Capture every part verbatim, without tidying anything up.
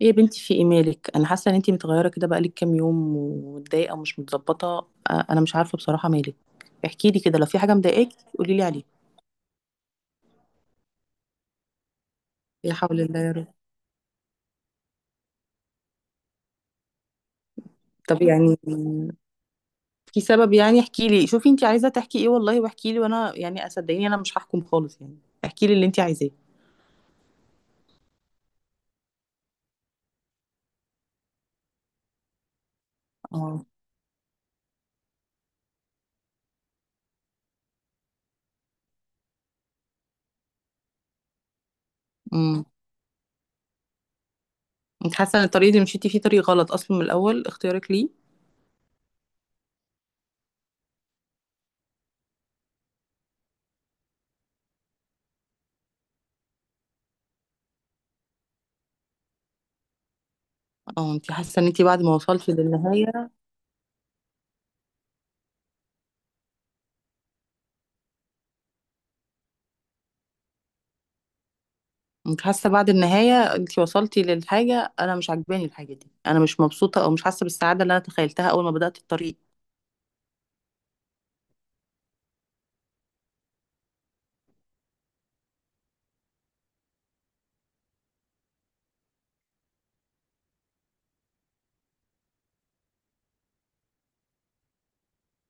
ايه يا بنتي؟ في ايه مالك؟ انا حاسه ان انتي متغيره كده بقالك كام يوم ومتضايقه ومش متظبطه. آه، انا مش عارفه بصراحه مالك. احكي لي كده، لو في حاجه مضايقاكي قولي لي عليها. لا حول الله يا رب. طب يعني في سبب؟ يعني احكي لي، شوفي انتي عايزه تحكي ايه والله، واحكي لي وانا يعني صدقيني انا مش هحكم خالص يعني. احكي لي اللي انتي عايزاه. اه. امم انت حاسه ان الطريق اللي مشيتي فيه طريق غلط اصلا من الاول اختيارك ليه؟ اه انت حاسه ان انت بعد ما وصلتي للنهايه، انت حاسه بعد النهايه انت وصلتي للحاجه انا مش عاجباني الحاجه دي، انا مش مبسوطه او مش حاسه بالسعاده اللي انا تخيلتها اول ما بدات الطريق.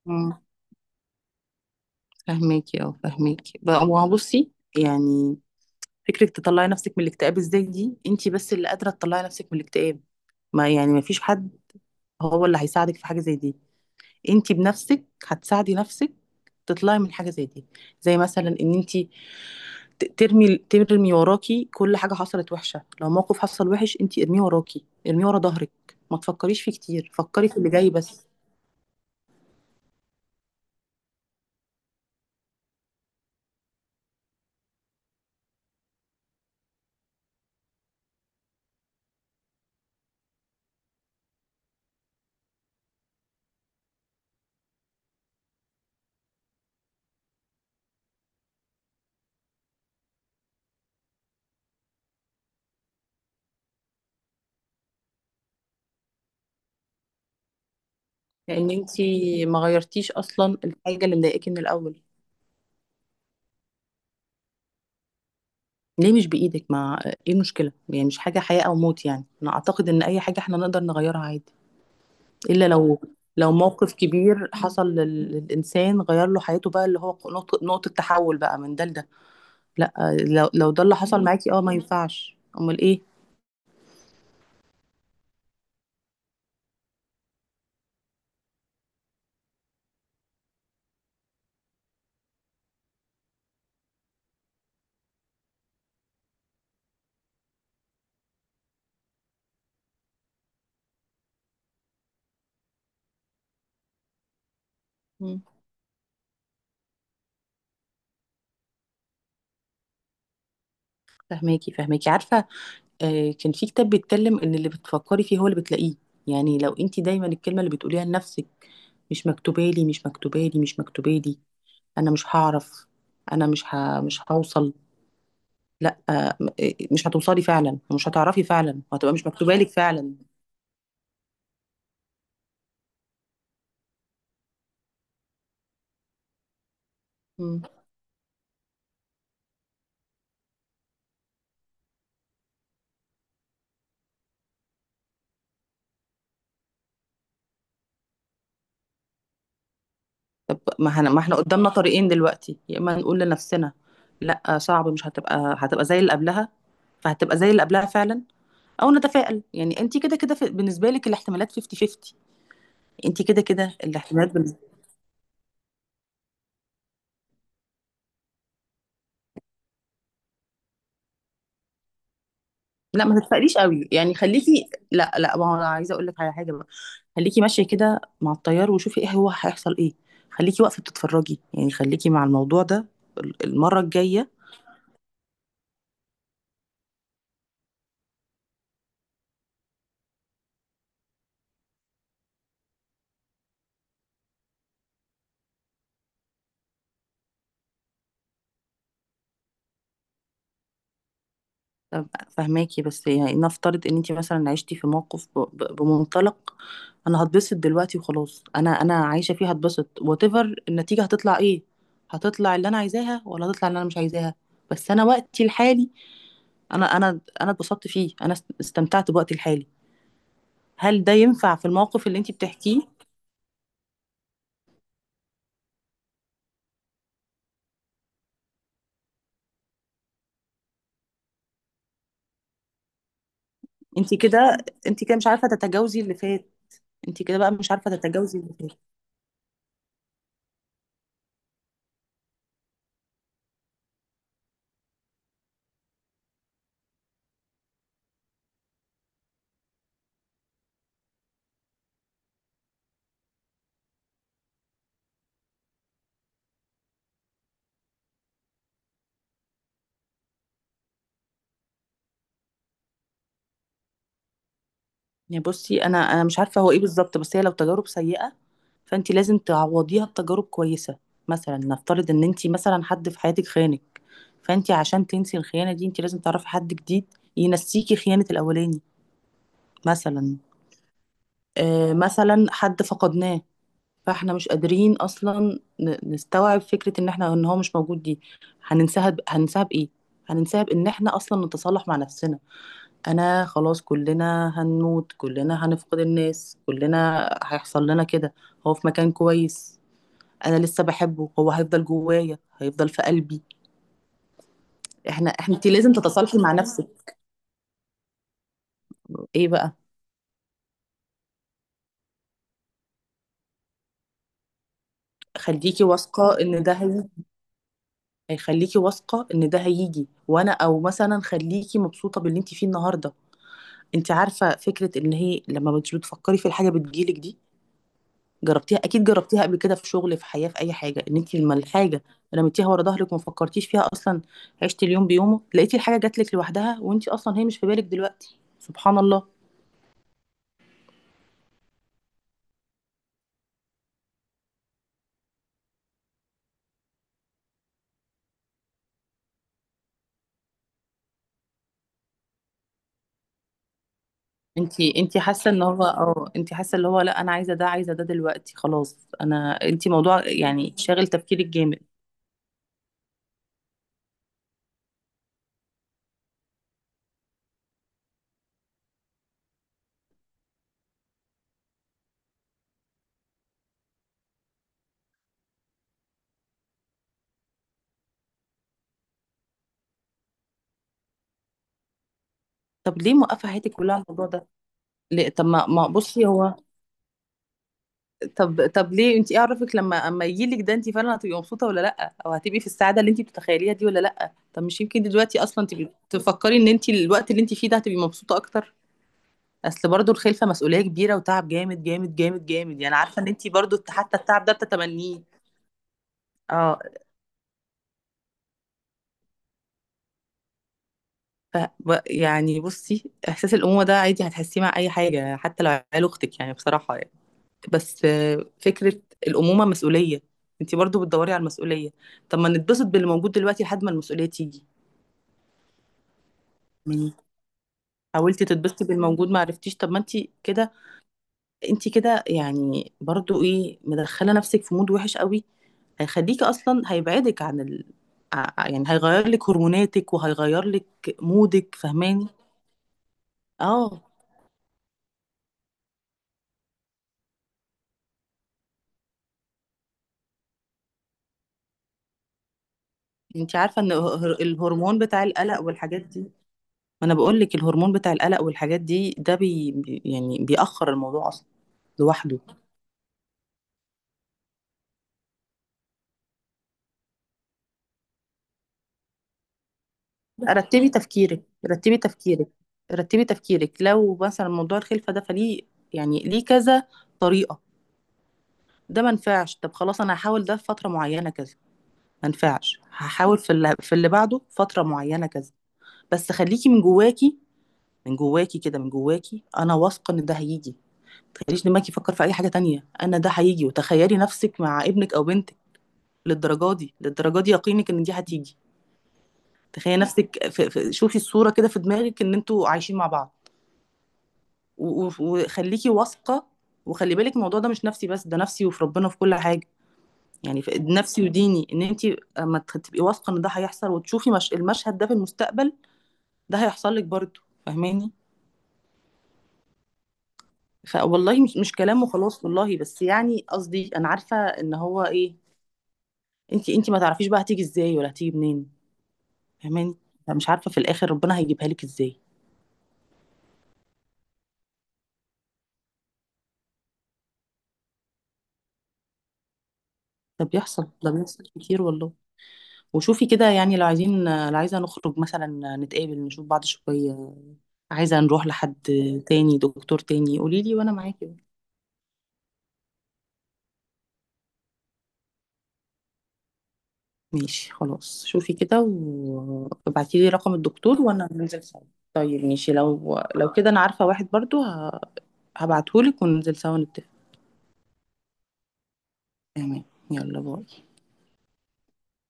امم. فهميكي، اه فهميكي بقى، ما هو بصي يعني، فكره تطلعي نفسك من الاكتئاب ازاي دي انت بس اللي قادره تطلعي نفسك من الاكتئاب. ما يعني ما فيش حد هو اللي هيساعدك في حاجه زي دي، انت بنفسك هتساعدي نفسك تطلعي من حاجه زي دي. زي مثلا ان انت ت- ترمي ترمي وراكي كل حاجة حصلت وحشة، لو موقف حصل وحش انتي ارميه وراكي، ارميه ورا ظهرك، ما تفكريش فيه كتير، فكري في اللي جاي بس. لان انتي ما غيرتيش اصلا الحاجة اللي مضايقاكي من الاول. ليه مش بايدك؟ ما ايه المشكلة يعني؟ مش حاجة حياة او موت، يعني انا اعتقد ان اي حاجة احنا نقدر نغيرها عادي. الا لو، لو موقف كبير حصل لل- للإنسان غير له حياته بقى، اللي هو نقطة، نقطة تحول بقى من ده لده. لا، لو لو ده اللي حصل معاكي اه ما ينفعش، امال ايه. فهماكي، فهماكي عارفة. آه، كان في كتاب بيتكلم ان اللي بتفكري فيه هو اللي بتلاقيه. يعني لو انت دايما الكلمة اللي بتقوليها لنفسك مش مكتوبالي، مش مكتوبالي، مش مكتوبالي، انا مش هعرف، انا مش ه... مش هوصل، لا آه، م- آه، مش هتوصلي فعلا، ومش هتعرفي فعلا، وهتبقى مش مكتوبالك فعلا. مم. طب ما احنا ما احنا قدامنا طريقين دلوقتي، يا اما نقول لنفسنا لا آه، صعب مش هتبقى، هتبقى زي اللي قبلها، فهتبقى زي اللي قبلها فعلا. او نتفائل، يعني انت كده كده في- بالنسبة لك الاحتمالات خمسين 50. انت كده كده الاحتمالات بال... لا ما تتفائليش قوي يعني، خليكي، لا لا، ما هو انا عايزه اقول لك على حاجه بقى. خليكي ماشيه كده مع التيار، وشوفي ايه هو هيحصل ايه، خليكي واقفه بتتفرجي يعني، خليكي مع الموضوع ده ال- المره الجايه. طب فهماكي، بس يعني نفترض ان انت مثلا عشتي في موقف ب... ب... بمنطلق انا هتبسط دلوقتي وخلاص، انا انا عايشه فيه هتبسط، وات ايفر النتيجه هتطلع ايه، هتطلع اللي انا عايزاها ولا هتطلع اللي انا مش عايزاها، بس انا وقتي الحالي انا انا انا اتبسطت فيه، انا است- استمتعت بوقتي الحالي. هل ده ينفع في الموقف اللي انت بتحكيه؟ انت كده، انت كده مش عارفه تتجاوزي اللي فات، انت كده بقى مش عارفه تتجاوزي اللي فات. يعني بصي، انا انا مش عارفه هو ايه بالظبط، بس هي لو تجارب سيئه فانت لازم تعوضيها بتجارب كويسه. مثلا نفترض ان انت مثلا حد في حياتك خانك، فانت عشان تنسي الخيانه دي انت لازم تعرفي حد جديد ينسيكي خيانه الاولاني، مثلا. آه مثلا حد فقدناه، فاحنا مش قادرين اصلا ن- نستوعب فكره ان احنا ان هو مش موجود دي، هننساها ب... هننساها بايه؟ هننساها بان احنا اصلا نتصالح مع نفسنا. انا خلاص، كلنا هنموت، كلنا هنفقد الناس، كلنا هيحصل لنا كده، هو في مكان كويس، انا لسه بحبه، هو هيفضل جوايا، هيفضل في قلبي. احنا، احنا انت لازم تتصالحي مع نفسك. ايه بقى؟ خليكي واثقه ان ده هي... هيخليكي واثقه ان ده هيجي، وانا او مثلا خليكي مبسوطه باللي انت فيه النهارده. انت عارفه فكره ان هي لما مش بتفكري في الحاجه بتجيلك دي، جربتيها اكيد جربتيها قبل كده، في شغل، في حياه، في اي حاجه، ان انت لما الحاجه رميتيها ورا ظهرك وما فكرتيش فيها اصلا، عشتي اليوم بيومه، لقيتي الحاجه جاتلك لوحدها وانت اصلا هي مش في بالك دلوقتي سبحان الله. انت انت حاسه ان هو اه، انت حاسه اللي هو لا انا عايزه ده، عايزه ده دلوقتي خلاص انا، انت موضوع يعني شاغل تفكيرك جامد. طب ليه موقفه حياتك كلها على الموضوع ده؟ ليه؟ طب ما ما بصي هو، طب طب ليه انت ايه عرفك لما اما يجيلك ده انت فعلا هتبقي مبسوطه ولا لا، او هتبقي في السعاده اللي انت بتتخيليها دي ولا لا؟ طب مش يمكن دلوقتي اصلا تبقي تفكري ان انت الوقت اللي انت فيه ده هتبقي مبسوطه اكتر؟ اصل برضو الخلفه مسؤوليه كبيره وتعب جامد جامد جامد جامد، يعني عارفه ان انت برضو حتى التعب ده بتتمنيه. اه. ف ب- يعني بصي، احساس الامومه ده عادي هتحسيه مع اي حاجه حتى لو عيال اختك يعني بصراحه. بس آه، فكرة الأمومة مسؤولية، انتي برضو بتدوري على المسؤولية. طب ما نتبسط باللي موجود دلوقتي لحد ما المسؤولية تيجي؟ يعني حاولتي تتبسطي بالموجود ما عرفتيش، طب ما انتي كده، انتي كده يعني برضو ايه، مدخلة نفسك في مود وحش قوي، هيخليكي اصلا، هيبعدك عن ال... ع- يعني هيغير لك هرموناتك وهيغير لك مودك فاهماني. اه. انتي عارفة ان الهر- الهرمون بتاع القلق والحاجات دي، ما انا بقول لك الهرمون بتاع القلق والحاجات دي ده بي بي- يعني بيأخر الموضوع اصلا لوحده. رتبي تفكيرك، رتبي تفكيرك، رتبي تفكيرك، لو مثلا موضوع الخلفه ده فليه، يعني ليه كذا طريقه، ده ما نفعش طب خلاص انا هحاول ده في فتره معينه كذا، ما نفعش هحاول في اللي، في اللي بعده فتره معينه كذا. بس خليكي من جواكي، من جواكي كده، من جواكي انا واثقه ان ده هيجي، ما تخليش دماغك يفكر في اي حاجه تانية، انا ده هيجي، وتخيلي نفسك مع ابنك او بنتك، للدرجه دي، للدرجه دي يقينك ان دي هتيجي. تخيلي نفسك في في شوفي الصوره كده في دماغك ان انتوا عايشين مع بعض، و- و- وخليكي واثقه. وخلي بالك الموضوع ده مش نفسي بس، ده نفسي وفي ربنا في كل حاجه، يعني في نفسي وديني، ان انت اما تخ- تبقي واثقه ان ده هيحصل وتشوفي مش المشهد ده في المستقبل، ده هيحصل لك برضه فاهماني. فوالله مش مش كلام وخلاص والله، بس يعني قصدي انا عارفه ان هو ايه. انت انت ما تعرفيش بقى هتيجي ازاي، ولا هتيجي منين، فاهماني، فمش عارفه في الاخر ربنا هيجيبها لك ازاي. ده بيحصل، ده بيحصل كتير والله. وشوفي كده، يعني لو عايزين، لو عايزه نخرج مثلا، نتقابل نشوف بعض شويه، عايزة نروح لحد تاني، دكتور تاني، قولي لي وانا معاكي. ماشي خلاص، شوفي كده وابعتي لي رقم الدكتور وانا ننزل سوا. طيب ماشي، لو لو كده انا عارفة واحد برضو ه... هبعتهولك وننزل سوا نتفق. تمام. يلا باي.